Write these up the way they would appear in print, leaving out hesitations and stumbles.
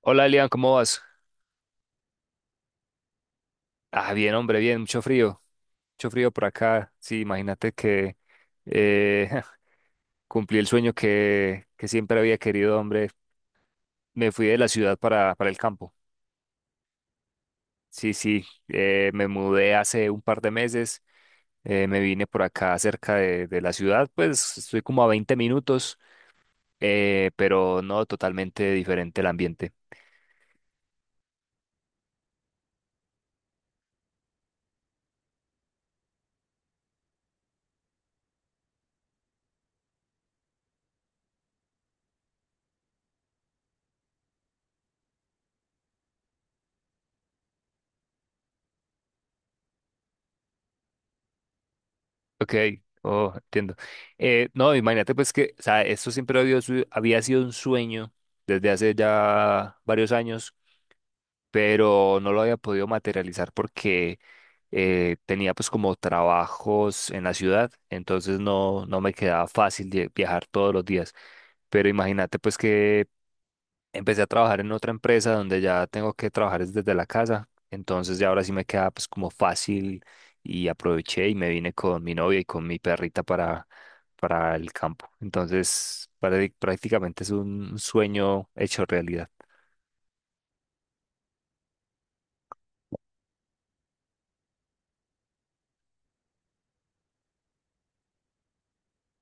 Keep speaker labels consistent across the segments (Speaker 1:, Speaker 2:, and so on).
Speaker 1: Hola Elian, ¿cómo vas? Ah, bien, hombre, bien, mucho frío por acá. Sí, imagínate que eh, cumplí el sueño que siempre había querido, hombre. Me fui de la ciudad para el campo. Sí, sí, me mudé hace un par de meses, me vine por acá cerca de la ciudad, pues estoy como a 20 minutos. Pero no totalmente diferente el ambiente. Ok, oh, entiendo. No, imagínate pues que, o sea, esto siempre había, había sido un sueño desde hace ya varios años, pero no lo había podido materializar porque tenía pues como trabajos en la ciudad, entonces no, no me quedaba fácil de viajar todos los días. Pero imagínate pues que empecé a trabajar en otra empresa donde ya tengo que trabajar es desde la casa, entonces ya ahora sí me queda pues como fácil y aproveché y me vine con mi novia y con mi perrita para el campo. Entonces, prácticamente es un sueño hecho realidad.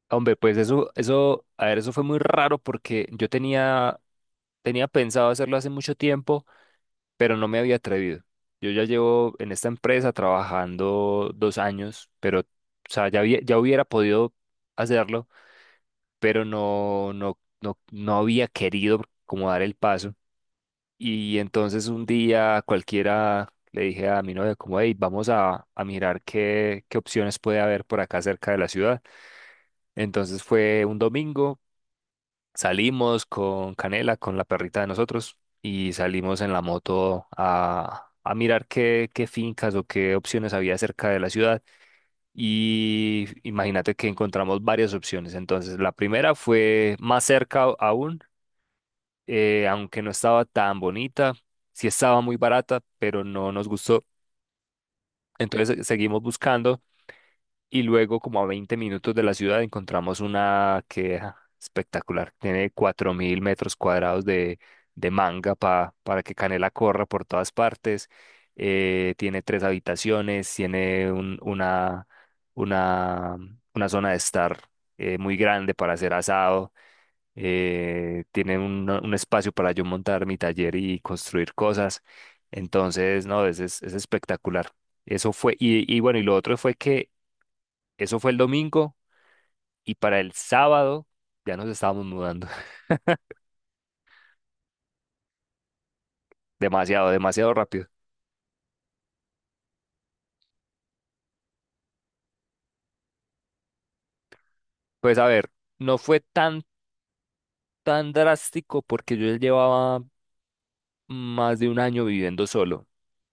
Speaker 1: Hombre, pues eso, a ver, eso fue muy raro porque yo tenía pensado hacerlo hace mucho tiempo, pero no me había atrevido. Yo ya llevo en esta empresa trabajando dos años, pero, o sea, ya, ya hubiera podido hacerlo, pero no, no, no, no había querido como dar el paso. Y entonces un día cualquiera le dije a mi novia como, hey, vamos a mirar qué opciones puede haber por acá cerca de la ciudad. Entonces fue un domingo. Salimos con Canela, con la perrita de nosotros, y salimos en la moto a mirar qué fincas o qué opciones había cerca de la ciudad. Y imagínate que encontramos varias opciones. Entonces, la primera fue más cerca aún, aunque no estaba tan bonita, sí estaba muy barata, pero no nos gustó. Entonces, seguimos buscando. Y luego, como a 20 minutos de la ciudad, encontramos una queja espectacular. Tiene 4.000 metros cuadrados de manga para que Canela corra por todas partes. Tiene tres habitaciones, tiene una, una zona de estar muy grande para hacer asado. Tiene un espacio para yo montar mi taller y construir cosas. Entonces, no, es espectacular. Eso fue, y bueno, y lo otro fue que eso fue el domingo y para el sábado ya nos estábamos mudando. Demasiado, demasiado rápido. Pues a ver, no fue tan drástico porque yo ya llevaba más de un año viviendo solo.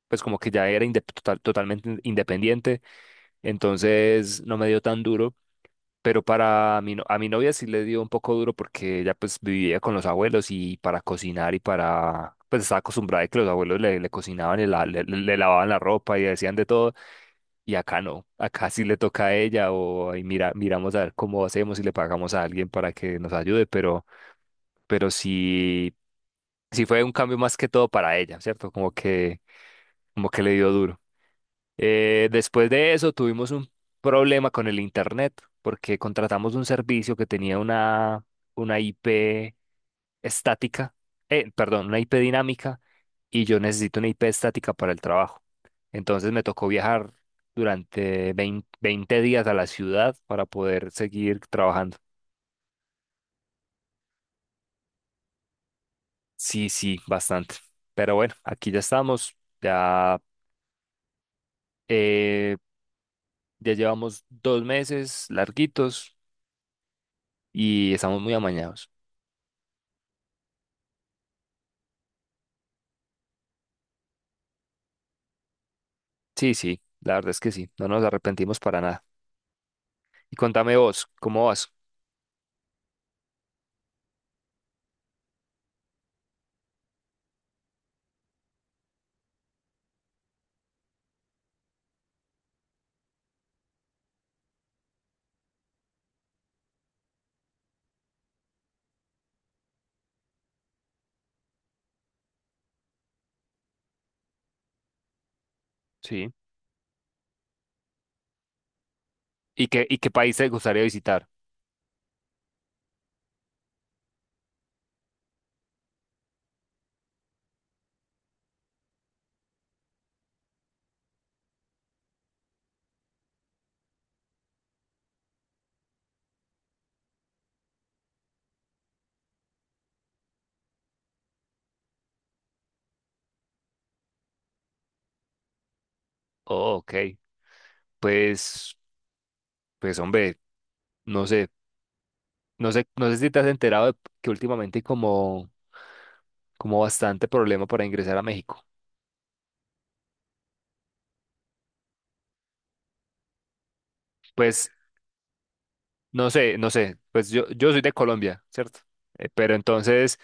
Speaker 1: Pues como que ya era totalmente independiente, entonces no me dio tan duro. Pero para mi, a mi novia sí le dio un poco duro porque ella pues vivía con los abuelos y para cocinar y para... Pues estaba acostumbrada a que los abuelos le cocinaban y lavaban la ropa y decían de todo. Y acá no, acá sí le toca a ella o ahí mira, miramos a ver cómo hacemos y le pagamos a alguien para que nos ayude, pero sí, sí fue un cambio más que todo para ella, ¿cierto? Como que le dio duro. Después de eso tuvimos un problema con el internet porque contratamos un servicio que tenía una IP estática, perdón, una IP dinámica y yo necesito una IP estática para el trabajo. Entonces me tocó viajar durante 20 20 días a la ciudad para poder seguir trabajando. Sí, sí, bastante. Pero bueno, aquí ya estamos, ya, eh, ya llevamos dos meses larguitos y estamos muy amañados. Sí, sí, la verdad es que sí, no nos arrepentimos para nada. Y contame vos, ¿cómo vas? Sí. Y qué país te gustaría visitar? Oh, ok. Pues, pues hombre, no sé, no sé, no sé si te has enterado de que últimamente hay como bastante problema para ingresar a México. Pues, no sé, no sé, pues yo soy de Colombia, ¿cierto? Pero entonces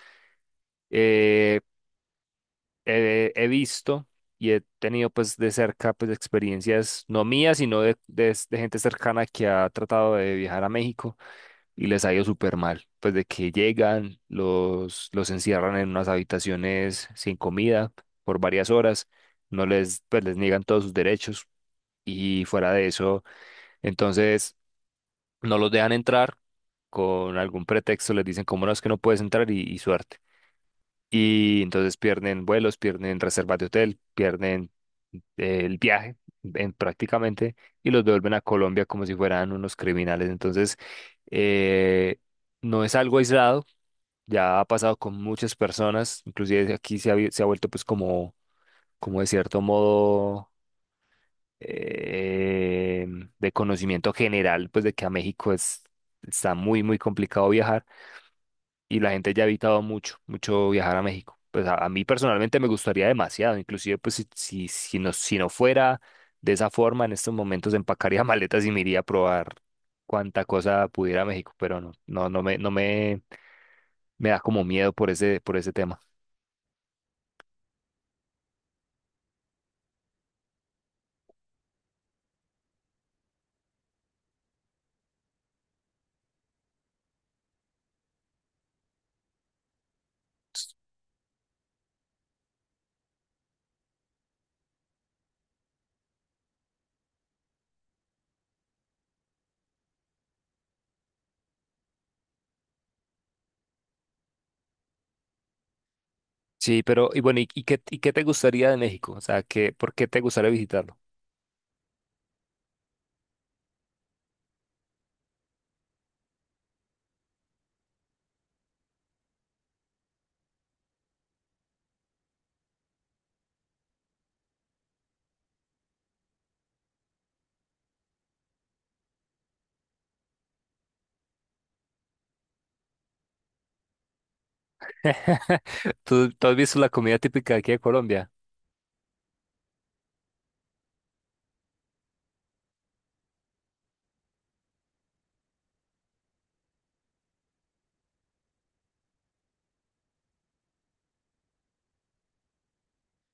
Speaker 1: eh, he visto y he tenido pues de cerca pues experiencias, no mías, sino de gente cercana que ha tratado de viajar a México y les ha ido súper mal. Pues de que llegan, los encierran en unas habitaciones sin comida por varias horas, no les, pues les niegan todos sus derechos y fuera de eso, entonces no los dejan entrar con algún pretexto, les dicen, como no es que no puedes entrar? Y suerte. Y entonces pierden vuelos, pierden reservas de hotel, pierden el viaje prácticamente y los devuelven a Colombia como si fueran unos criminales. Entonces, eh, no es algo aislado, ya ha pasado con muchas personas, inclusive aquí se ha vuelto pues como de cierto modo eh, de conocimiento general, pues de que a México es, está muy, muy complicado viajar y la gente ya ha evitado mucho, mucho viajar a México. Pues a mí personalmente me gustaría demasiado, inclusive pues si no fuera de esa forma, en estos momentos empacaría maletas y me iría a probar cuánta cosa pudiera a México, pero no, no, no me, no me, me da como miedo por por ese tema. Sí, pero y bueno, y qué te gustaría de México? O sea, por qué te gustaría visitarlo? Tú has visto la comida típica de aquí de Colombia?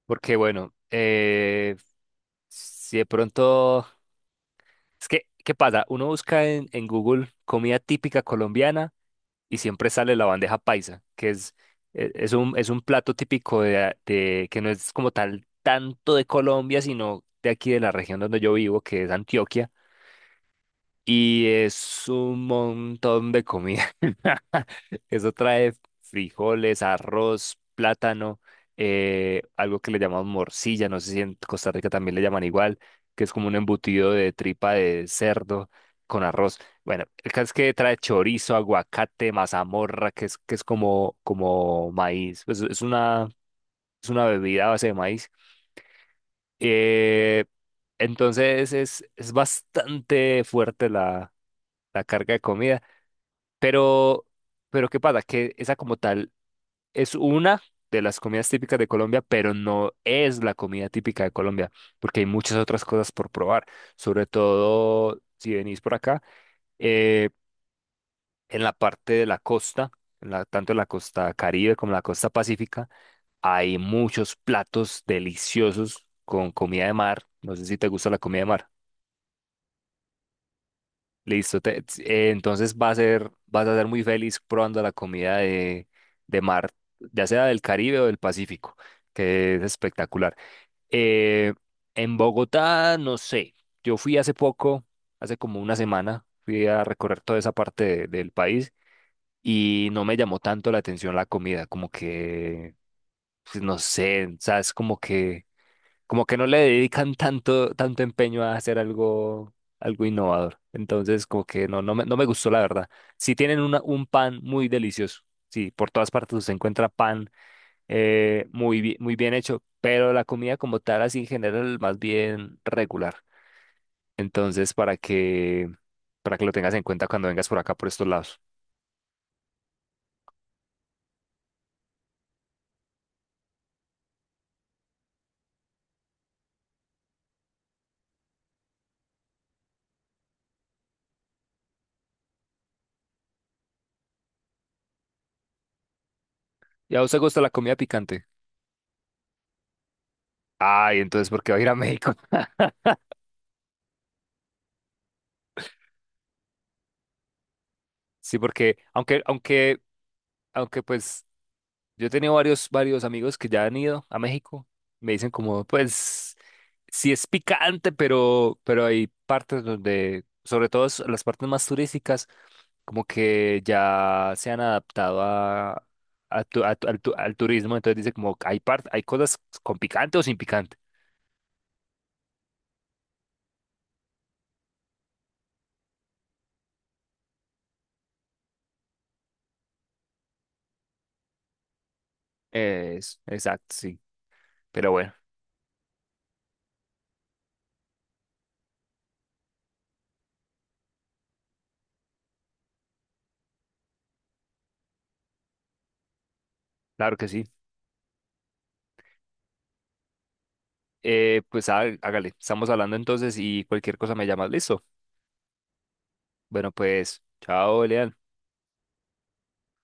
Speaker 1: Porque bueno, si de pronto, es que, ¿qué pasa? Uno busca en Google comida típica colombiana y siempre sale la bandeja paisa, que es, e- es un plato típico que no es como tal tanto de Colombia, sino de aquí de la región donde yo vivo, que es Antioquia. Y es un montón de comida. Eso trae frijoles, arroz, plátano, algo que le llamamos morcilla, no sé si en Costa Rica también le llaman igual, que es como un embutido de tripa de cerdo con arroz. Bueno, el caso es que trae chorizo, aguacate, mazamorra, que es como maíz. Pues es una bebida a base de maíz. Eh, entonces es bastante fuerte la carga de comida. Pero, pero ¿qué pasa? Que esa como tal es una de las comidas típicas de Colombia, pero no es la comida típica de Colombia, porque hay muchas otras cosas por probar, sobre todo si venís por acá, eh, en la parte de la costa, tanto en la costa Caribe como en la costa Pacífica, hay muchos platos deliciosos con comida de mar. No sé si te gusta la comida de mar. Listo, entonces vas a ser muy feliz probando la comida de mar, ya sea del Caribe o del Pacífico, que es espectacular. Eh, en Bogotá, no sé, yo fui hace poco, hace como una semana, fui a recorrer toda esa parte del país y no me llamó tanto la atención la comida, como que, pues, no sé, o sea, es como que no le dedican tanto, tanto empeño a hacer algo, algo innovador. Entonces, como que no me gustó la verdad. Sí tienen un pan muy delicioso. Sí, por todas partes se encuentra pan muy bien hecho, pero la comida como tal, así en general, más bien regular. Entonces, para que lo tengas en cuenta cuando vengas por acá, por estos lados. ¿Y a vos te gusta la comida picante? Ay, entonces, ¿por qué va a ir a México? Sí, porque aunque pues yo he tenido varios amigos que ya han ido a México. Me dicen como, pues, sí es picante, pero hay partes donde, sobre todo las partes más turísticas, como que ya se han adaptado a tu- al turismo. Entonces dice como, hay cosas con picante o sin picante. Es, exacto, sí. Pero bueno, claro que sí. Pues hágale, estamos hablando entonces y cualquier cosa me llamas, listo. Bueno, pues, chao, Elian.